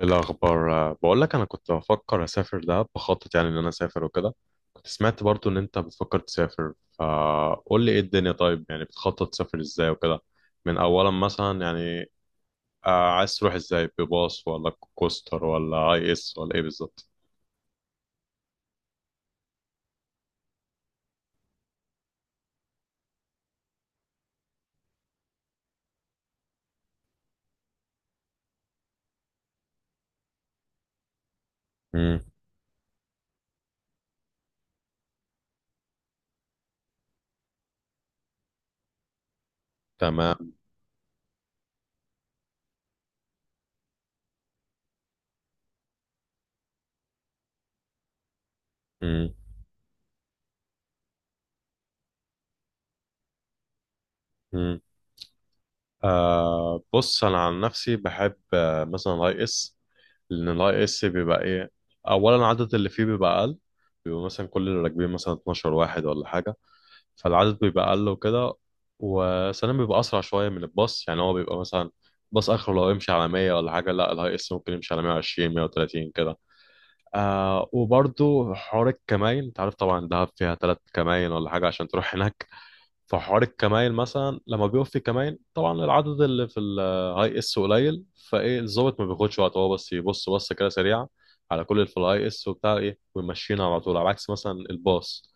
إيه الأخبار؟ بقول لك أنا كنت بفكر أسافر دهب، بخطط يعني إن أنا أسافر وكده. كنت سمعت برضو إن أنت بتفكر تسافر، فقول لي إيه الدنيا؟ طيب، يعني بتخطط تسافر إزاي وكده؟ من أولا مثلا يعني، عايز تروح إزاي؟ بباص ولا كوستر ولا أي إس ولا إيه بالظبط؟ امم. تمام. امم. امم. آه، بص أنا عن نفسي بحب مثلا أي إس. لأن الأي إس بيبقى إيه، أولا العدد اللي فيه بيبقى أقل، بيبقى مثلا كل اللي راكبين مثلا 12 واحد ولا حاجة، فالعدد بيبقى اقل وكده. وثانيا بيبقى اسرع شويه من الباص، يعني هو بيبقى مثلا باص اخره لو يمشي على 100 ولا حاجه، لا الهاي اس ممكن يمشي على 120 130 كده. آه، وبرضو حوار الكماين، انت عارف طبعا دهب فيها ثلاث كماين ولا حاجه عشان تروح هناك. فحوار الكماين مثلا لما بيقف في كماين، طبعا العدد اللي في الهاي اس قليل، فايه الظابط ما بياخدش وقت، هو بس يبص بصه كده سريعه على كل اللي في الهاي اس وبتاع ايه ويمشينا على طول. على عكس مثلا الباص،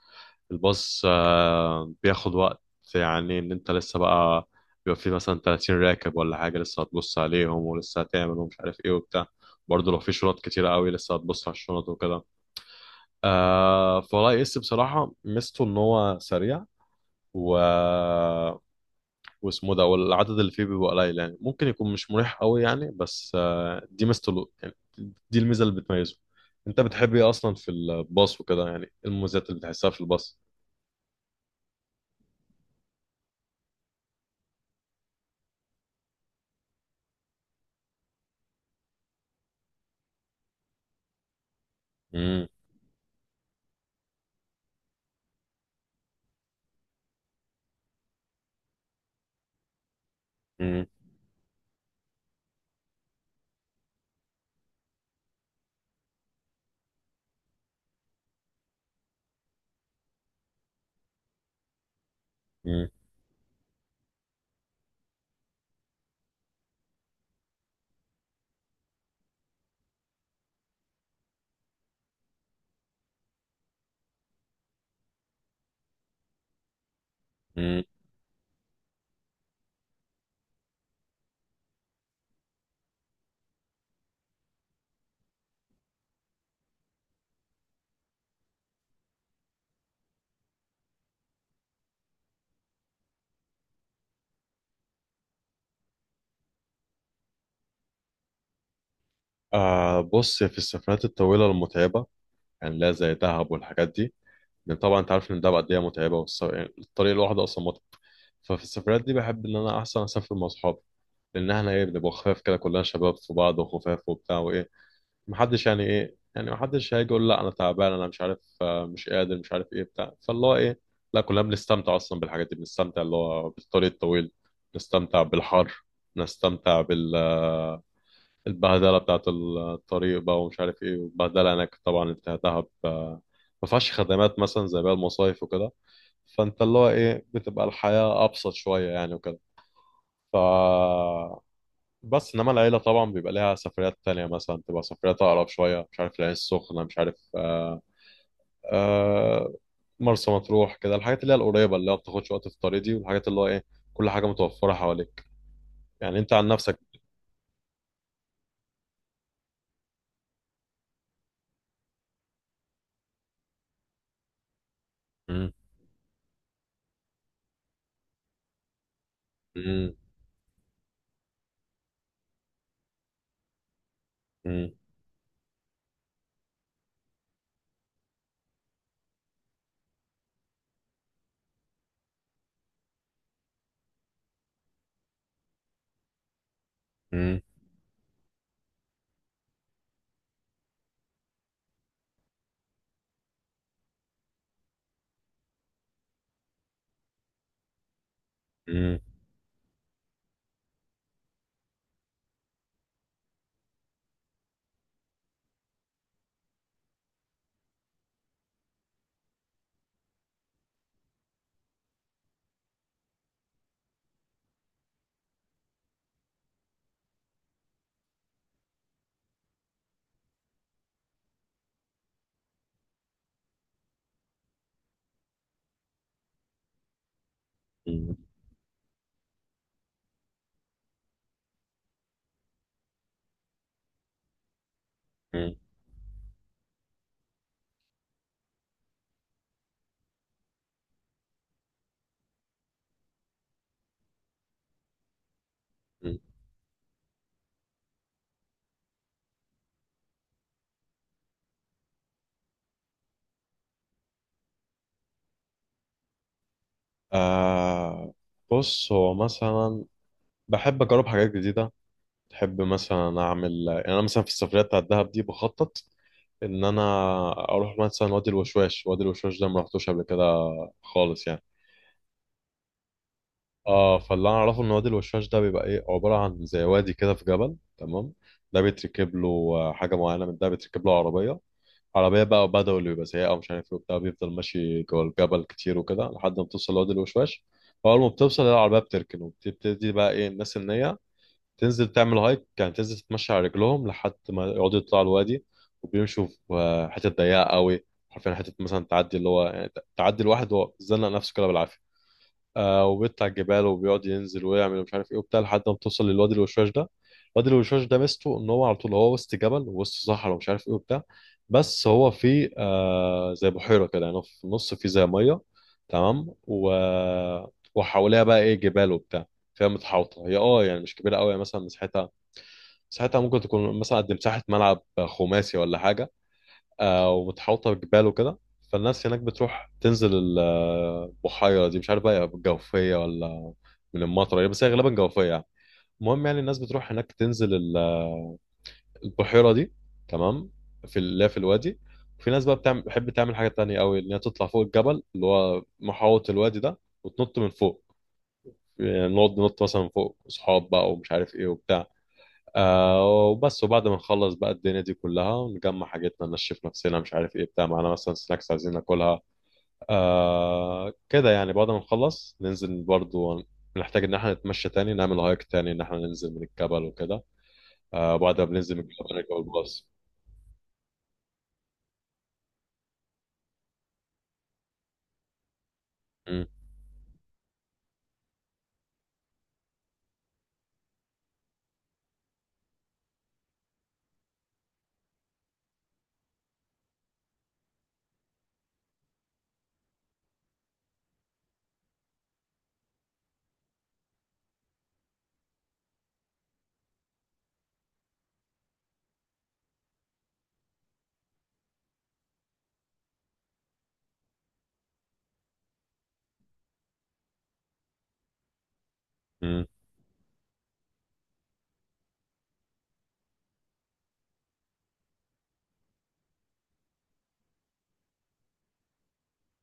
الباص بياخد وقت، يعني ان انت لسه بقى بيبقى فيه مثلا 30 راكب ولا حاجه، لسه هتبص عليهم ولسه هتعمل ومش عارف ايه وبتاع. برضه لو في شنط كتيره قوي، لسه هتبص على الشنط وكده. آه، فولا اس بصراحه ميزته ان هو سريع و واسمه ده، والعدد اللي فيه بيبقى قليل، يعني ممكن يكون مش مريح قوي يعني، بس دي ميزته يعني، دي الميزه اللي بتميزه. انت بتحب ايه اصلا في الباص وكده؟ يعني إيه المميزات اللي بتحسها في الباص؟ امم. مم. آه، بص في السفرات الطويلة المتعبة، يعني لا زي دهب والحاجات دي، لأن طبعا أنت عارف إن دهب قد إيه متعبة، يعني الطريق الواحدة أصلا متعب. ففي السفرات دي بحب إن أنا أحسن أسافر مع أصحابي، لأن إحنا إيه، بنبقى خفاف كده، كلنا شباب في بعض وخفاف وبتاع وإيه. محدش يعني إيه، يعني محدش هيجي يقول لا أنا تعبان، أنا مش عارف، مش قادر، مش عارف إيه بتاع، فاللي هو إيه، لا كلنا بنستمتع أصلا بالحاجات دي. بنستمتع اللي هو بالطريق الطويل، نستمتع بالحر، نستمتع بال البهدله بتاعه الطريق بقى ومش عارف ايه، والبهدله هناك طبعا، انت دهب ما فيهاش خدمات مثلا زي باقي المصايف وكده، فانت اللي هو ايه، بتبقى الحياه ابسط شويه يعني وكده. ف بس انما العيله طبعا بيبقى ليها سفريات تانية، مثلا تبقى سفريات اقرب شويه، مش عارف العين السخنه، مش عارف آه، آه، مرسى مطروح كده، الحاجات اللي هي القريبه، اللي هي ما بتاخدش وقت في الطريق دي، والحاجات اللي هو ايه كل حاجه متوفره حواليك، يعني انت عن نفسك. مم. مم. مم. مم. مم. مم. مم. آه، بص هو مثلا بحب اجرب حاجات جديده، بحب مثلا اعمل يعني، انا مثلا في السفريه بتاعت دهب دي بخطط ان انا اروح مثلا وادي الوشواش. وادي الوشواش ده ما رحتوش قبل كده خالص يعني. اه، فاللي انا اعرفه ان وادي الوشواش ده بيبقى ايه، عباره عن زي وادي كده في جبل، تمام؟ ده بيتركب له حاجه معينه، من ده بيتركب له عربيه عربية بقى وبدوي ويبقى سيئة ومش عارف ايه وبتاع، بيفضل ماشي جوه الجبل كتير وكده لحد ما توصل لوادي الوشواش. فأول ما بتوصل، العربية بتركن، وبتبتدي بقى ايه الناس إن هي تنزل تعمل هايك، يعني تنزل تتمشى على رجلهم لحد ما يقعدوا يطلعوا الوادي. وبيمشوا في حتة ضيقة قوي، حرفيا حتة مثلا تعدي اللي هو يعني تعدي الواحد وهو زنق نفسه كده بالعافية. آه، وبيطلع على الجبال وبيقعد ينزل ويعمل مش عارف ايه وبتاع لحد ما بتوصل للوادي الوشواش ده. الوادي الوشواش ده ميزته ان هو على طول هو وسط جبل ووسط صحراء ومش عارف ايه وبتاع، بس هو فيه آه زي بحيرة كده يعني في النص، فيه زي مية تمام. وحواليها بقى ايه جبال وبتاع، فيها متحوطة هي، اه يعني مش كبيرة قوي يعني، مثلا مساحتها ممكن تكون مثلا قد مساحة ملعب خماسي ولا حاجة. ومتحوطه بجبال وكده. فالناس هناك بتروح تنزل البحيره دي، مش عارف بقى جوفيه ولا من المطره يعني، بس هي غالبا جوفيه يعني. المهم يعني الناس بتروح هناك تنزل البحيره دي، تمام، في اللي هي في الوادي. وفي ناس بقى بتعمل بتحب تعمل حاجه تانية قوي، ان هي تطلع فوق الجبل اللي هو محاوط الوادي ده، وتنط من فوق. يعني نقعد ننط مثلا من فوق اصحاب بقى ومش عارف ايه وبتاع. آه، وبس. وبعد ما نخلص بقى الدنيا دي كلها، نجمع حاجتنا، نشف نفسنا مش عارف ايه بتاع، معانا مثلا سناكس عايزين ناكلها. آه كده يعني. بعد ما نخلص ننزل برضو، نحتاج ان احنا نتمشى تاني نعمل هايك تاني ان احنا ننزل من الجبل وكده. آه بعد ما بننزل من الجبل نرجع الباص. م- م-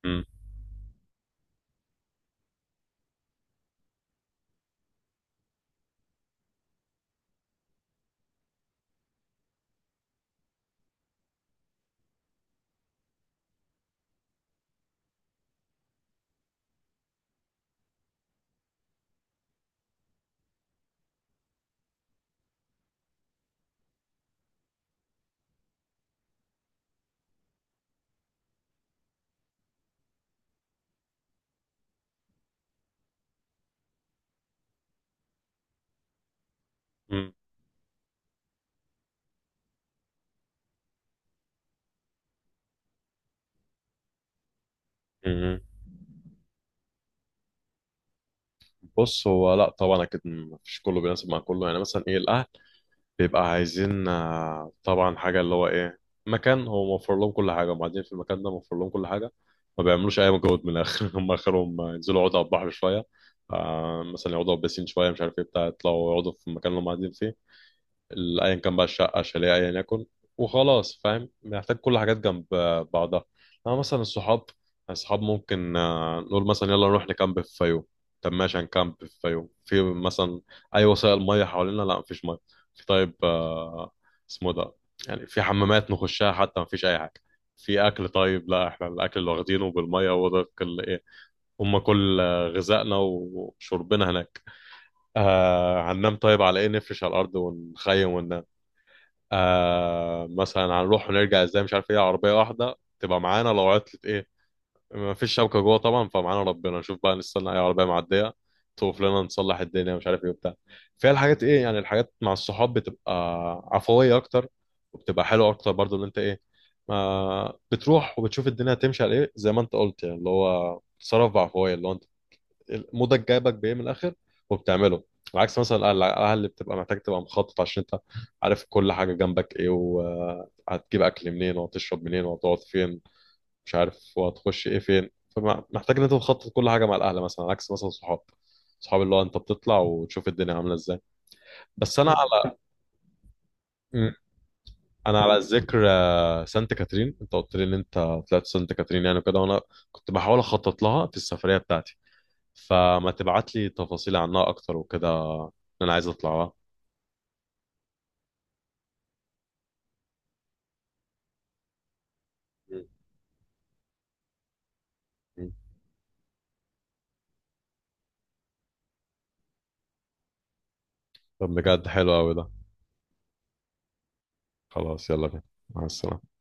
م- م- م- م. بص هو لا طبعا اكيد مفيش كله بيناسب مع كله يعني. مثلا ايه، الاهل بيبقى عايزين طبعا حاجة اللي هو إيه، مكان هو موفر لهم كل حاجة. وبعدين في المكان ده موفر لهم كل حاجة، ما بيعملوش أي مجهود من الآخر هم آخرهم ينزلوا يقعدوا على البحر شوية، مثلا يقعدوا على البسين شوية، مش عارف إيه بتاع، يطلعوا يقعدوا في المكان اللي هم قاعدين فيه، ايا كان بقى، الشقه، شاليه، ايا يكن. وخلاص فاهم، محتاج كل حاجات جنب بعضها. انا مثلا الصحاب، ممكن نقول مثلا يلا نروح نكامب في فيوم. طب ماشي، هنكامب في فيوم، في مثلا اي وسائل ميه حوالينا؟ لا مفيش ميه. في طيب اسمه ده، يعني في حمامات نخشها حتى؟ مفيش اي حاجه. في اكل طيب؟ لا احنا الاكل اللي واخدينه بالميه هو ده كل ايه، هم كل غذائنا وشربنا هناك. آه هننام طيب على ايه؟ نفرش على الارض ونخيم وننام. آه مثلا هنروح ونرجع ازاي؟ مش عارف ايه، عربيه واحده تبقى معانا، لو عطلت ايه، ما فيش شبكه جوه طبعا، فمعانا ربنا، نشوف بقى، نستنى اي عربيه معديه توقف لنا نصلح الدنيا مش عارف ايه وبتاع. فيها الحاجات ايه يعني، الحاجات مع الصحاب بتبقى عفويه اكتر، وبتبقى حلوه اكتر برضو، اللي انت ايه، ما بتروح وبتشوف الدنيا هتمشي على ايه، زي ما انت قلت يعني، اللي هو تصرف بعفويه، اللي هو مودك جايبك بايه من الاخر وبتعمله. عكس مثلا القلعه، القلعة اللي بتبقى محتاج تبقى مخطط، عشان انت عارف كل حاجه جنبك ايه، وهتجيب اكل منين، وهتشرب منين، وهتقعد فين، مش عارف، وهتخش ايه فين. فمحتاج ان انت تخطط كل حاجه مع الاهل مثلا. عكس مثلا صحاب، اللي هو انت بتطلع وتشوف الدنيا عامله ازاي. بس انا على م- انا على ذكر سانت كاترين، انت قلت لي ان انت طلعت سانت كاترين يعني كده، وانا كنت بحاول اخطط لها في السفريه بتاعتي، فما تبعت لي تفاصيل عنها اكتر وكده، إن انا عايز اطلعها. مم. طب بجد حلو قوي ده. خلاص يلا بينا، مع السلامة.